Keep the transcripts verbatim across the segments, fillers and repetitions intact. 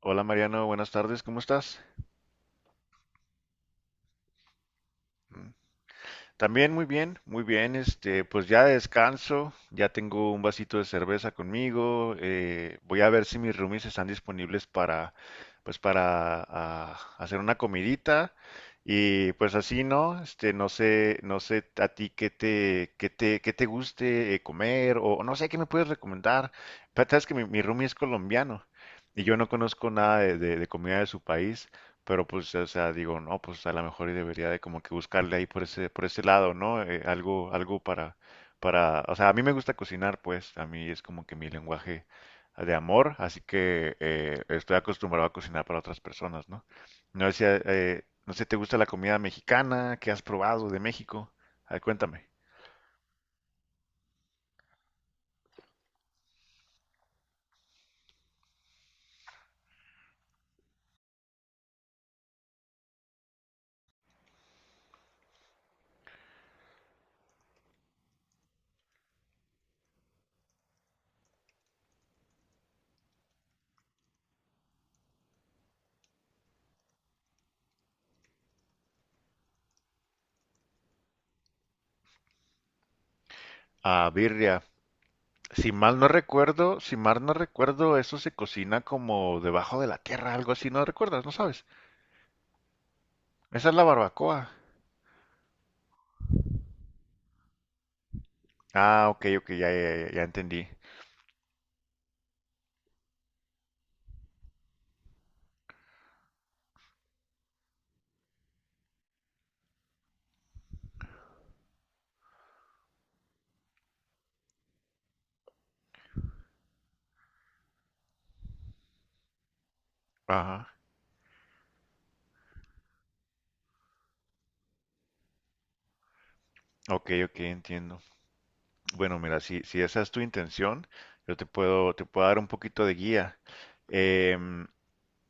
Hola Mariano, buenas tardes, ¿cómo estás? Mm. También muy bien, muy bien, este, pues ya descanso, ya tengo un vasito de cerveza conmigo, eh, voy a ver si mis roomies están disponibles para, pues para ah, hacer una comidita y pues así, ¿no? Este, no sé, no sé a ti qué te, qué te, qué te guste eh, comer o no sé qué me puedes recomendar. Pero sabes que mi, mi roomie es colombiano y yo no conozco nada de, de de comida de su país. Pero pues, o sea, digo, no, pues a lo mejor y debería de como que buscarle ahí por ese por ese lado, ¿no? Eh, algo, algo para, para, o sea, a mí me gusta cocinar, pues, a mí es como que mi lenguaje de amor, así que eh, estoy acostumbrado a cocinar para otras personas, ¿no? No sé, si, eh, no sé, ¿te gusta la comida mexicana? ¿Qué has probado de México? A ver, cuéntame. Ah, birria. Si mal no recuerdo, si mal no recuerdo, eso se cocina como debajo de la tierra, algo así, ¿no recuerdas? ¿No sabes? Esa es la barbacoa. Ah, ok, ok, ya, ya, ya, ya entendí. Ajá, ok, ok, entiendo. Bueno, mira, si, si esa es tu intención, yo te puedo, te puedo dar un poquito de guía. Em,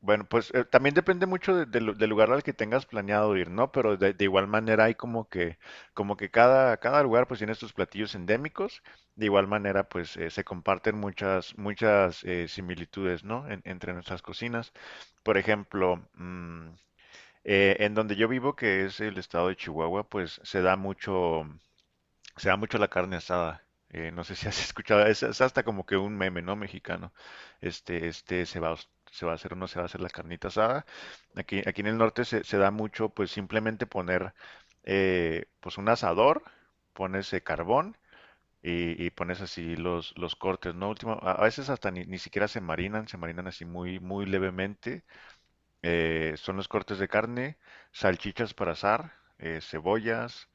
bueno, pues eh, también depende mucho de- de lu- del lugar al que tengas planeado ir, ¿no? Pero de, de igual manera hay como que, como que cada, cada lugar pues tiene sus platillos endémicos. De igual manera pues eh, se comparten muchas, muchas eh, similitudes, ¿no? En- entre nuestras cocinas. Por ejemplo, mm, Eh, en donde yo vivo, que es el estado de Chihuahua, pues se da mucho, se da mucho la carne asada. Eh, no sé si has escuchado, es, es hasta como que un meme, ¿no? Mexicano. Este, este se va, a os- se va a hacer o no se va a hacer la carnita asada. Aquí, aquí en el norte se, se da mucho, pues simplemente poner, eh, pues un asador, pones eh, carbón y, y pones así los, los cortes, ¿no? Último, a, a veces hasta ni, ni siquiera se marinan, se marinan así muy, muy levemente, eh, son los cortes de carne, salchichas para asar, eh, cebollas,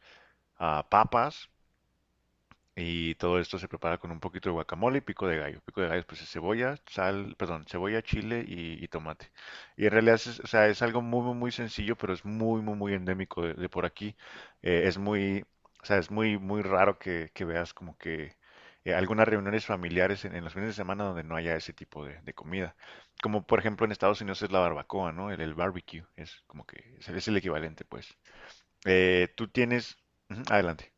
ah, papas, y todo esto se prepara con un poquito de guacamole y pico de gallo. Pico de gallo pues es cebolla, sal, perdón, cebolla, chile y, y tomate. Y en realidad es, o sea, es algo muy, muy, muy sencillo, pero es muy, muy, muy endémico de, de por aquí. Eh, es muy, o sea, es muy, muy raro que, que veas como que eh, algunas reuniones familiares en, en los fines de semana donde no haya ese tipo de, de comida. Como por ejemplo en Estados Unidos es la barbacoa, ¿no? El, el barbecue es como que es, el es el equivalente, pues. Eh, tú tienes... Ujú, adelante.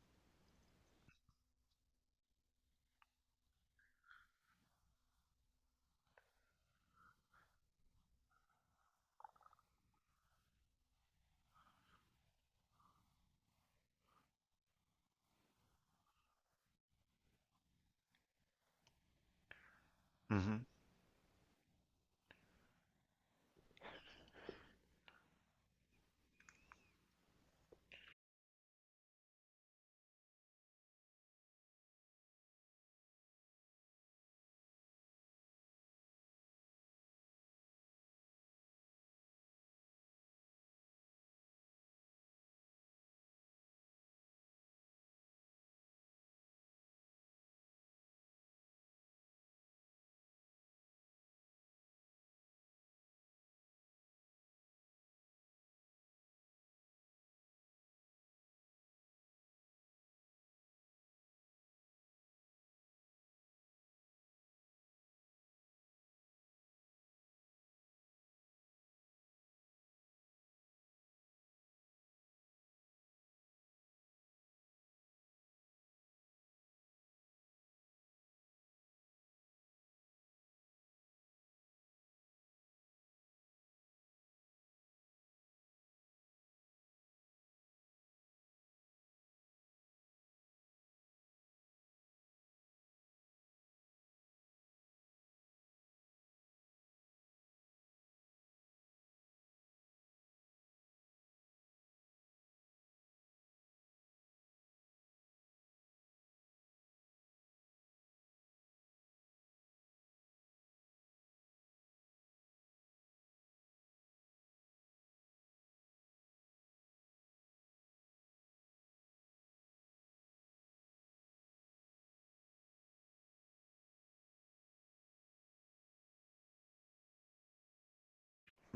Ujú.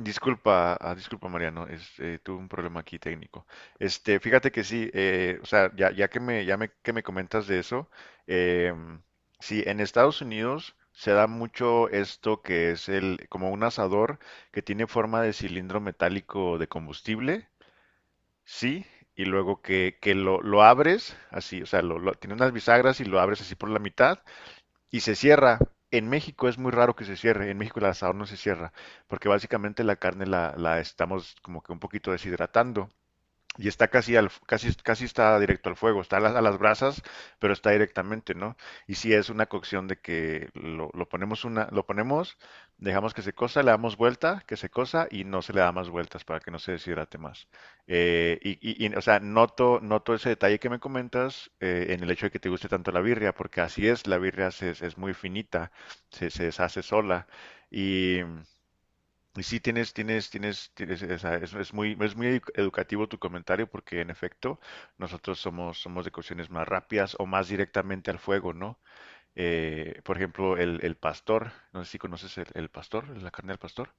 Disculpa, ah, disculpa Mariano, es, eh, tuve un problema aquí técnico. Este, fíjate que sí, eh, o sea, ya, ya que me, ya me, que me comentas de eso, em, sí, en Estados Unidos se da mucho esto que es el, como un asador que tiene forma de cilindro metálico de combustible, sí, y luego que, que lo, lo abres así, o sea, lo, lo- tiene unas bisagras y lo abres así por la mitad y se cierra. En México es muy raro que se cierre. En México el asador no se cierra, porque básicamente la carne la, la estamos como que un poquito deshidratando y está casi al casi casi está directo al fuego, está a las, a las brasas, pero está directamente, ¿no? Y si es una cocción de que lo, lo ponemos una lo ponemos, dejamos que se cosa, le damos vuelta, que se cosa y no se le da más vueltas para que no se deshidrate más. Eh, y, y- y, o sea, noto noto ese detalle que me comentas eh, en el hecho de que te guste tanto la birria, porque así es, la birria se- es muy finita, se, se deshace sola y y sí, tienes, tienes, tienes, tienes, o sea, es, es muy, es muy edu- educativo tu comentario porque en efecto nosotros somos, somos de cuestiones más rápidas o más directamente al fuego, ¿no? Eh, por ejemplo, el, el pastor, no sé si conoces el, el pastor, la carne del pastor.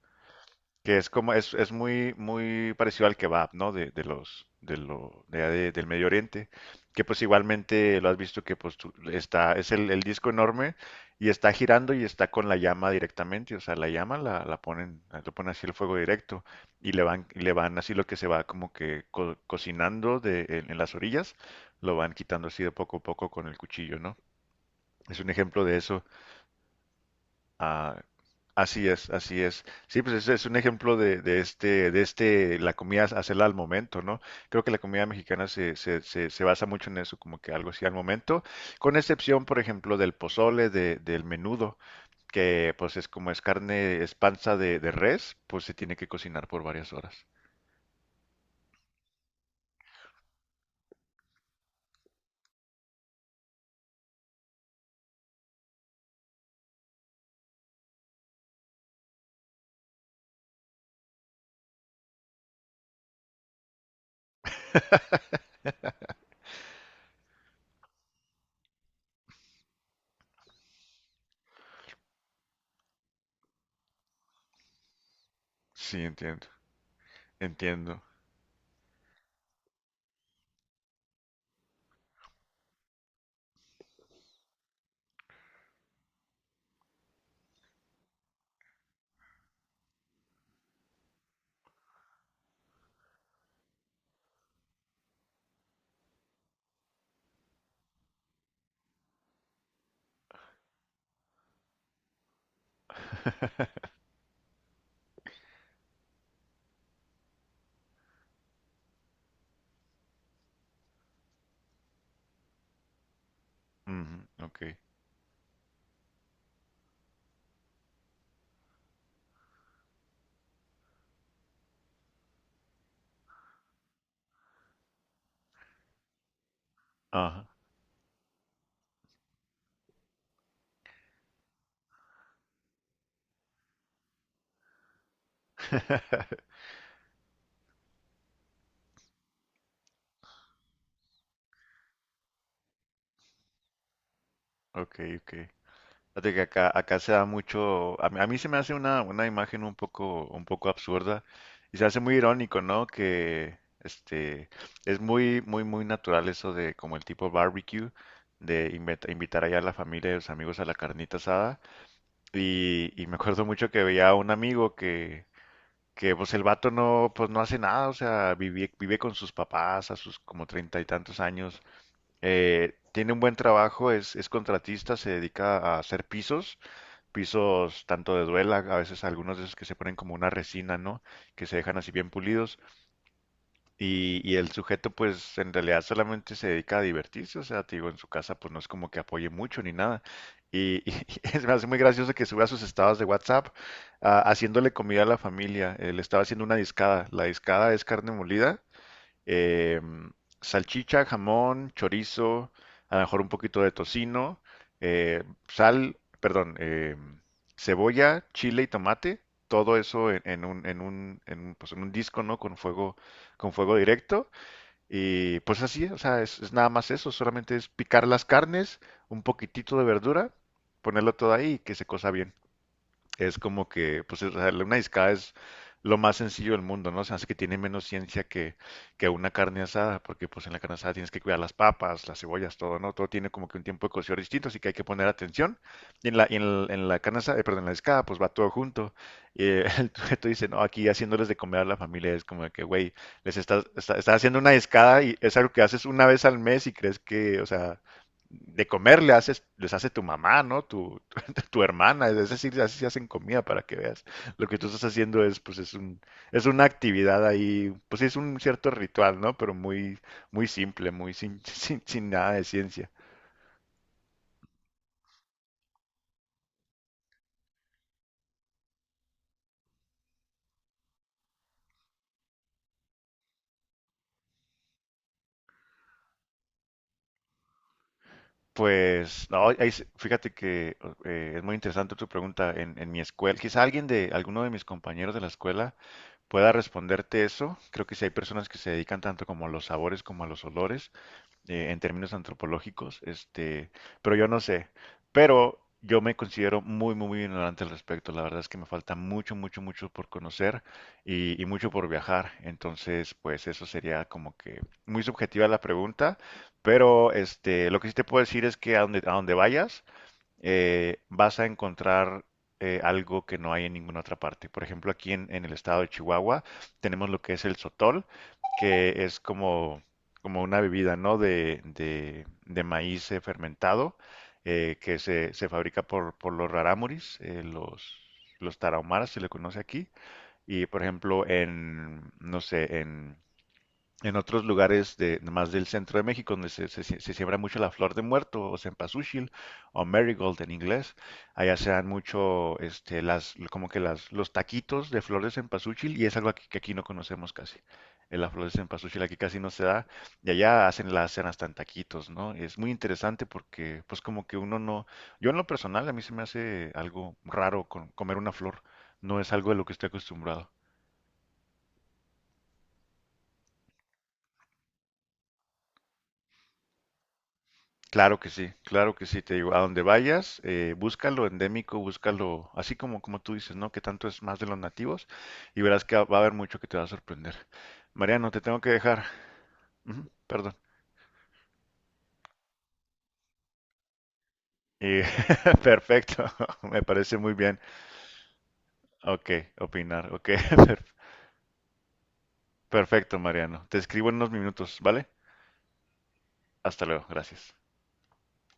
Que es como, es, es muy, muy parecido al kebab, ¿no? De, de los, de lo, de, de- del Medio Oriente, que pues igualmente lo has visto que pues tú- está, es el, el disco enorme y está girando y está con la llama directamente, o sea, la llama la, la ponen, lo ponen así el fuego directo y le van, y le van así lo que se va como que co- cocinando de, en, en las orillas, lo van quitando así de poco a poco con el cuchillo, ¿no? Es un ejemplo de eso. Ah, así es, así es. Sí, pues ese es un ejemplo de, de este, de este, la comida hacerla al momento, ¿no? Creo que la comida mexicana se, se, se, se basa mucho en eso, como que algo así al momento, con excepción, por ejemplo, del pozole, de, del menudo, que pues es como es carne, es panza de, de res, pues se tiene que cocinar por varias horas. Sí, entiendo, entiendo. Ujú, ok, ajá, ok, ok. Fíjate que acá, acá se da mucho, a mí, a mí se me hace una, una imagen un poco, un poco absurda y se hace muy irónico, ¿no? Que este, es muy, muy, muy natural eso de como el tipo barbecue, de invita- invitar allá a la familia y los amigos a la carnita asada. Y, y me acuerdo mucho que veía a un amigo que, que pues el vato no, pues no hace nada, o sea, vive, vive con sus papás a sus como treinta y tantos años. Eh, tiene un buen trabajo, es, es contratista, se dedica a hacer pisos pisos tanto de duela, a veces algunos de esos que se ponen como una resina, ¿no? Que se dejan así bien pulidos y, y el sujeto pues en realidad solamente se dedica a divertirse, o sea, te digo, en su casa pues no es como que apoye mucho ni nada. Y, y es, me hace muy gracioso que suba sus estados de WhatsApp, ah, haciéndole comida a la familia. Él estaba haciendo una discada. La discada es carne molida, eh, salchicha, jamón, chorizo, a lo mejor un poquito de tocino, eh, sal, perdón, eh, cebolla, chile y tomate, todo eso en, en un, en un, en un, pues, en un disco, ¿no? Con fuego, con fuego directo. Y pues así, o sea, es, es nada más eso, solamente es picar las carnes, un poquitito de verdura, ponerlo todo ahí y que se cosa bien, es como que, pues, es- una discada es lo más sencillo del mundo, ¿no? Se hace que tiene menos ciencia que, que una carne asada, porque pues en la carne asada tienes que cuidar las papas, las cebollas, todo, ¿no? Todo tiene como que un tiempo de cocción distinto, así que hay que poner atención. Y en la, y en, el- en la carne asada, eh, perdón, en la discada, pues va todo junto. Eh, el sujeto dice, no, aquí haciéndoles de comer a la familia, es como de que, güey, les estás, está- estás haciendo una discada y es algo que haces una vez al mes y crees que, o sea, de comer le haces, les hace tu mamá, ¿no? Tu, tu hermana, es decir, así se hacen comida para que veas. Lo que tú estás haciendo es, pues, es un, es una actividad ahí, pues sí, es un cierto ritual, ¿no? Pero muy, muy simple, muy sin, sin, sin nada de ciencia. Pues, no, ahí se- fíjate que eh, es muy interesante tu pregunta en, en mi escuela. Quizá alguien de, alguno de mis compañeros de la escuela pueda responderte eso. Creo que si hay personas que se dedican tanto como a los sabores como a los olores, eh, en términos antropológicos, este, pero yo no sé, pero yo me considero muy, muy, muy ignorante al respecto, la verdad es que me falta mucho, mucho, mucho por conocer y, y mucho por viajar, entonces pues eso sería como que muy subjetiva la pregunta, pero este, lo que sí te puedo decir es que a donde, a donde vayas, eh, vas a encontrar eh, algo que no hay en ninguna otra parte. Por ejemplo, aquí en, en el estado de Chihuahua tenemos lo que es el sotol, que es como, como una bebida, ¿no? De, de- de maíz eh, fermentado, eh, que se, se fabrica por, por los rarámuris, eh, los, los tarahumaras se le conoce aquí. Y por ejemplo, en, no sé, en en otros lugares de, más del centro de México, donde se, se- se siembra mucho la flor de muerto, o cempasúchil, o marigold en inglés, allá se dan mucho, este, las, como que las, los taquitos de flor de cempasúchil, y es algo aquí- que aquí no conocemos casi. Eh, La flor de cempasúchil aquí casi no se da, y allá hacen, la hacen hasta en taquitos, ¿no? Es muy interesante porque, pues como que uno no, yo en lo personal, a mí se me hace algo raro con- comer una flor, no es algo de lo que estoy acostumbrado. Claro que sí, claro que sí, te digo, a donde vayas, eh, búscalo endémico, búscalo así como, como tú dices, ¿no? Que tanto es más de los nativos y verás que va a haber mucho que te va a sorprender. Mariano, te tengo que dejar. Ujú, perdón. Y- perfecto, me parece muy bien. Ok, opinar, ok, per- perfecto, Mariano. Te escribo en unos minutos, ¿vale? Hasta luego, gracias.